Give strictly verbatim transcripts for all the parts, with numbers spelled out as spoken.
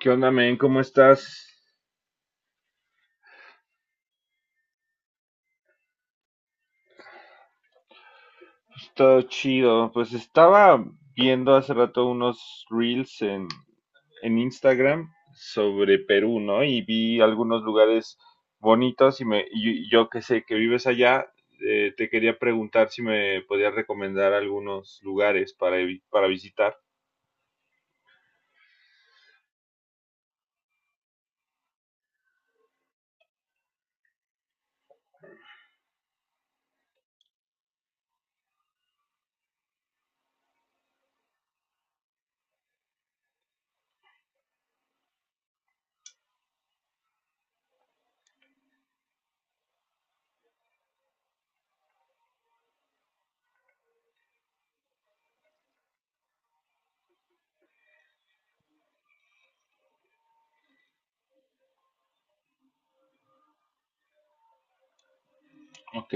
¿Qué onda, men? ¿Cómo estás? Todo chido. Pues estaba viendo hace rato unos reels en, en Instagram sobre Perú, ¿no? Y vi algunos lugares bonitos y, me, y yo que sé que vives allá, eh, te quería preguntar si me podías recomendar algunos lugares para, evi- para visitar. Ok,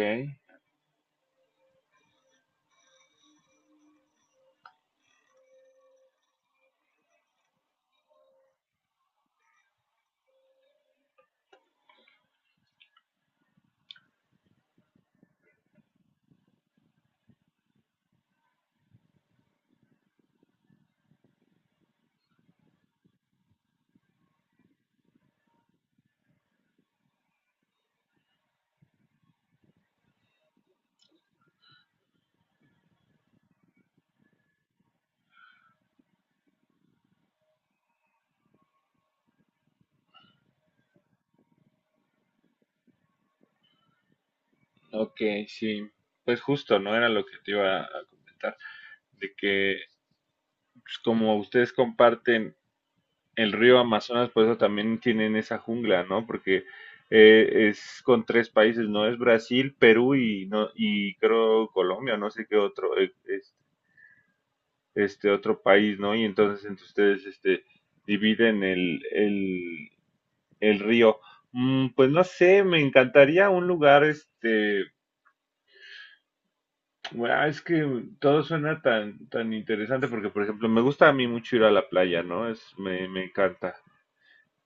ok, sí. Pues justo, ¿no? Era lo que te iba a comentar, de que pues, como ustedes comparten el río Amazonas, por eso también tienen esa jungla, ¿no? Porque eh, es con tres países, ¿no? Es Brasil, Perú y, no, y creo Colombia, no sé qué otro, eh, es- este otro país, ¿no? Y entonces entre ustedes, este, dividen el, el, el río. Mm, pues no sé, me encantaría un lugar, este, bueno, es que todo suena tan, tan interesante porque, por ejemplo, me gusta a mí mucho ir a la playa, ¿no? Es, me, me encanta.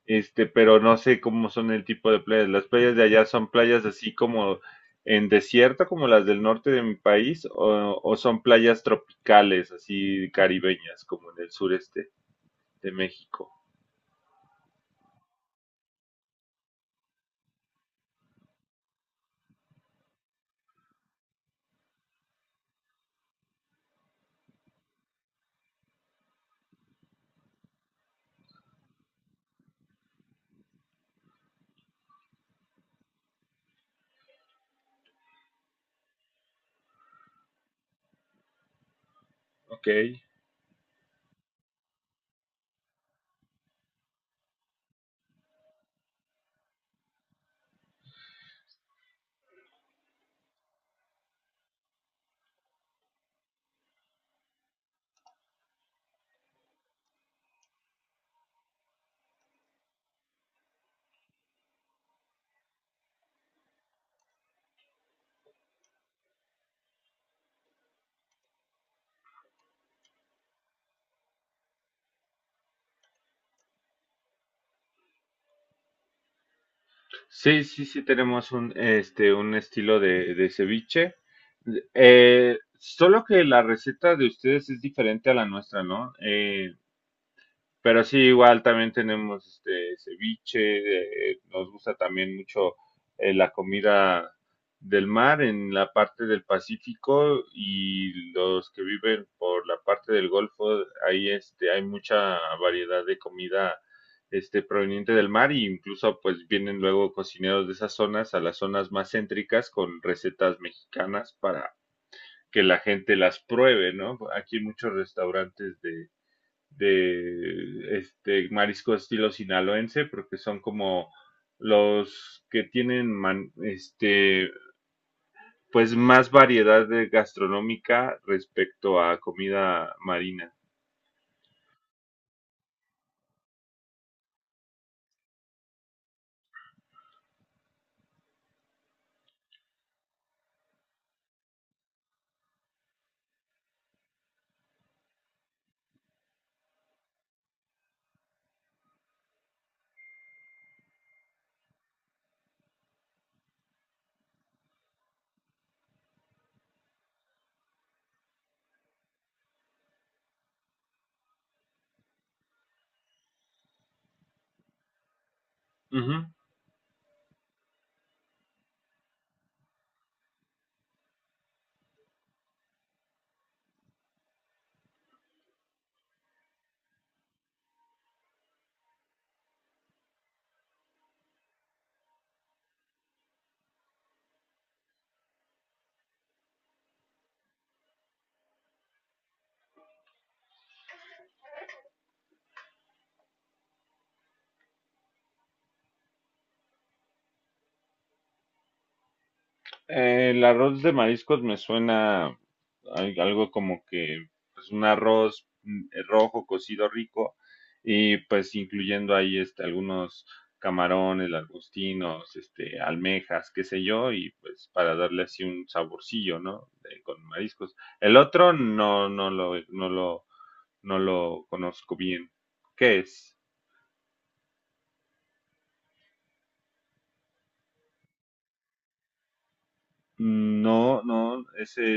Este, pero no sé cómo son el tipo de playas. Las playas de allá son playas así como en desierto, como las del norte de mi país, o, o son playas tropicales, así caribeñas, como en el sureste de México. Ok. Sí, sí, sí, tenemos un, este, un estilo de, de ceviche. Eh, solo que la receta de ustedes es diferente a la nuestra, ¿no? Eh, Pero sí, igual también tenemos este ceviche, eh, nos gusta también mucho eh, la comida del mar en la parte del Pacífico y los que viven por la parte del Golfo, ahí este hay mucha variedad de comida este proveniente del mar y incluso pues vienen luego cocineros de esas zonas a las zonas más céntricas con recetas mexicanas para que la gente las pruebe, ¿no? Aquí hay muchos restaurantes de de este marisco estilo sinaloense, porque son como los que tienen man- este pues más variedad de gastronómica respecto a comida marina. Ujú. Eh, el arroz de mariscos me suena al- algo como que pues un arroz mm, eh, rojo cocido rico y pues incluyendo ahí este algunos camarones, langostinos, este almejas, qué sé yo, y pues para darle así un saborcillo, ¿no? De- con mariscos. El otro no no lo no lo no lo conozco bien. ¿Qué es? No, no, ese,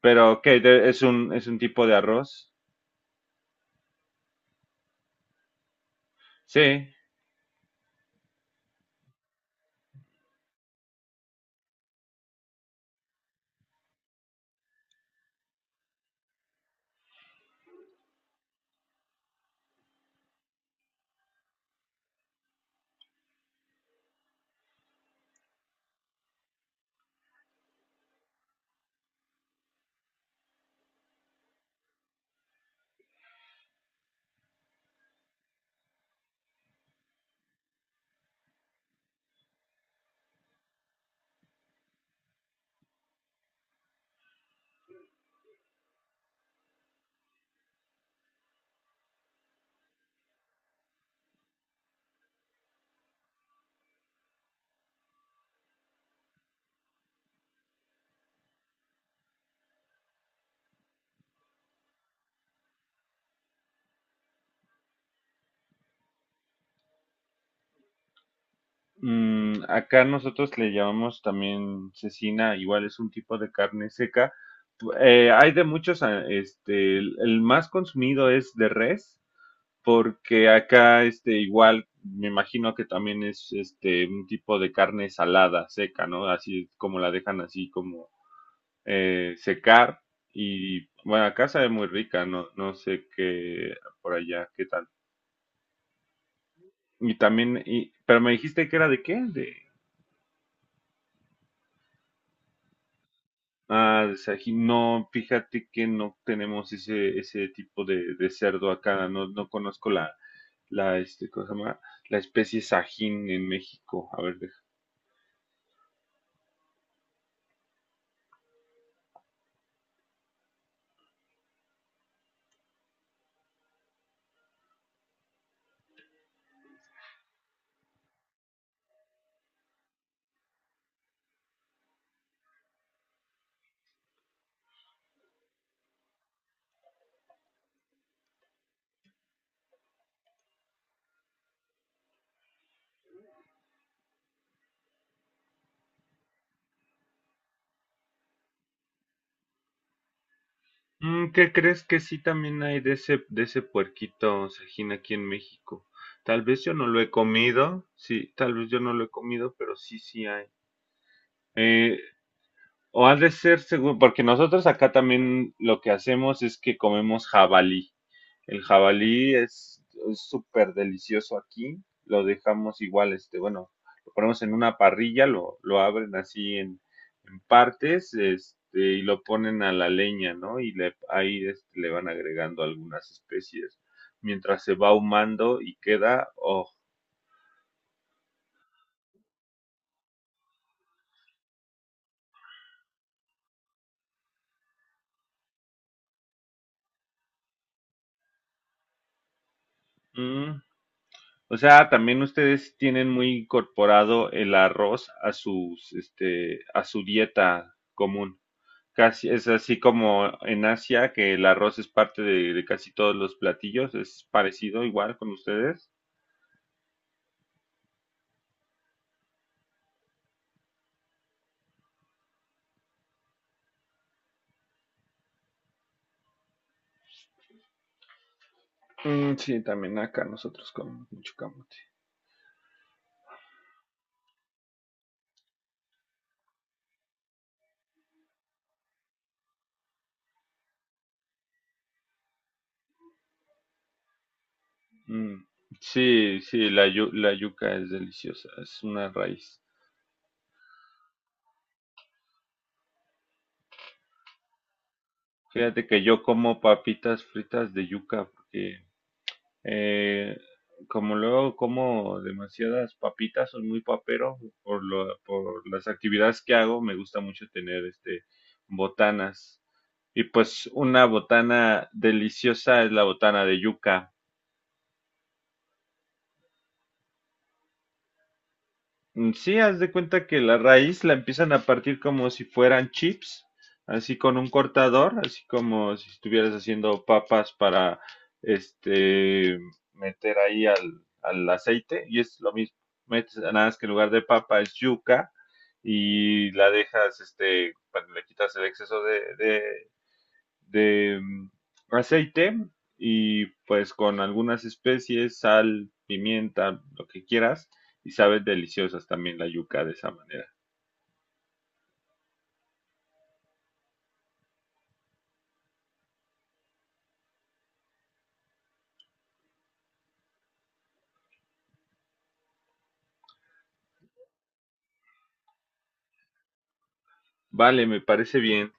pero ¿qué? De- ¿Es un es un tipo de arroz? Sí, Mm, acá nosotros le llamamos también cecina, igual es un tipo de carne seca. Pu- eh, hay de muchos, a- este, el, el más consumido es de res, porque acá, este, igual, me imagino que también es, este, un tipo de carne salada, seca, ¿no? Así como la dejan así como eh, secar. Y bueno, acá sabe muy rica, no, no sé qué por allá, qué tal. Y también, y, pero me dijiste que era de qué, de Ah, de Sajín. No, fíjate que no tenemos ese, ese tipo de, de cerdo acá. No, no conozco la, la, este, ¿cómo se llama? La especie Sajín en México. A ver, deja. Mm, ¿qué crees que sí también hay de ese, de ese puerquito Sajín aquí en México? Tal vez yo no lo he comido. Sí, tal vez yo no lo he comido, pero sí, sí hay. Eh, O ha de ser seguro, porque nosotros acá también lo que hacemos es que comemos jabalí. El jabalí es es súper delicioso aquí. Lo dejamos igual, este, bueno, lo ponemos en una parrilla, lo, lo abren así en, en partes, este, y lo ponen a la leña, ¿no? Y le, ahí este, le van agregando algunas especies mientras se va ahumando y queda, oh, mm, O sea, también ustedes tienen muy incorporado el arroz a sus, este, a su dieta común. Casi, es así como en Asia, que el arroz es parte de, de casi todos los platillos. ¿Es parecido igual con ustedes? Mm, sí, también acá nosotros comemos mucho camote. Mm, Sí, sí, la, yu- la yuca es deliciosa, es una raíz. Fíjate que yo como papitas fritas de yuca porque Eh, como luego como demasiadas papitas, soy muy papero por lo, por las actividades que hago, me gusta mucho tener este botanas. Y pues una botana deliciosa es la botana de yuca. Mm, Sí, haz de cuenta que la raíz la empiezan a partir como si fueran chips, así con un cortador, así como si estuvieras haciendo papas para este meter ahí al, al aceite, y es lo mismo. Metes, nada más que en lugar de papa es yuca y la dejas, este, cuando le quitas el exceso de, de de mm, aceite y pues con algunas especies, sal, pimienta, lo que quieras, y sabes deliciosas también la yuca de esa manera. Vale, me parece bien.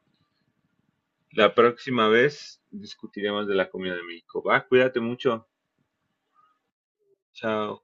La próxima vez discutiremos de la comida de México. Va, cuídate mucho. Chao.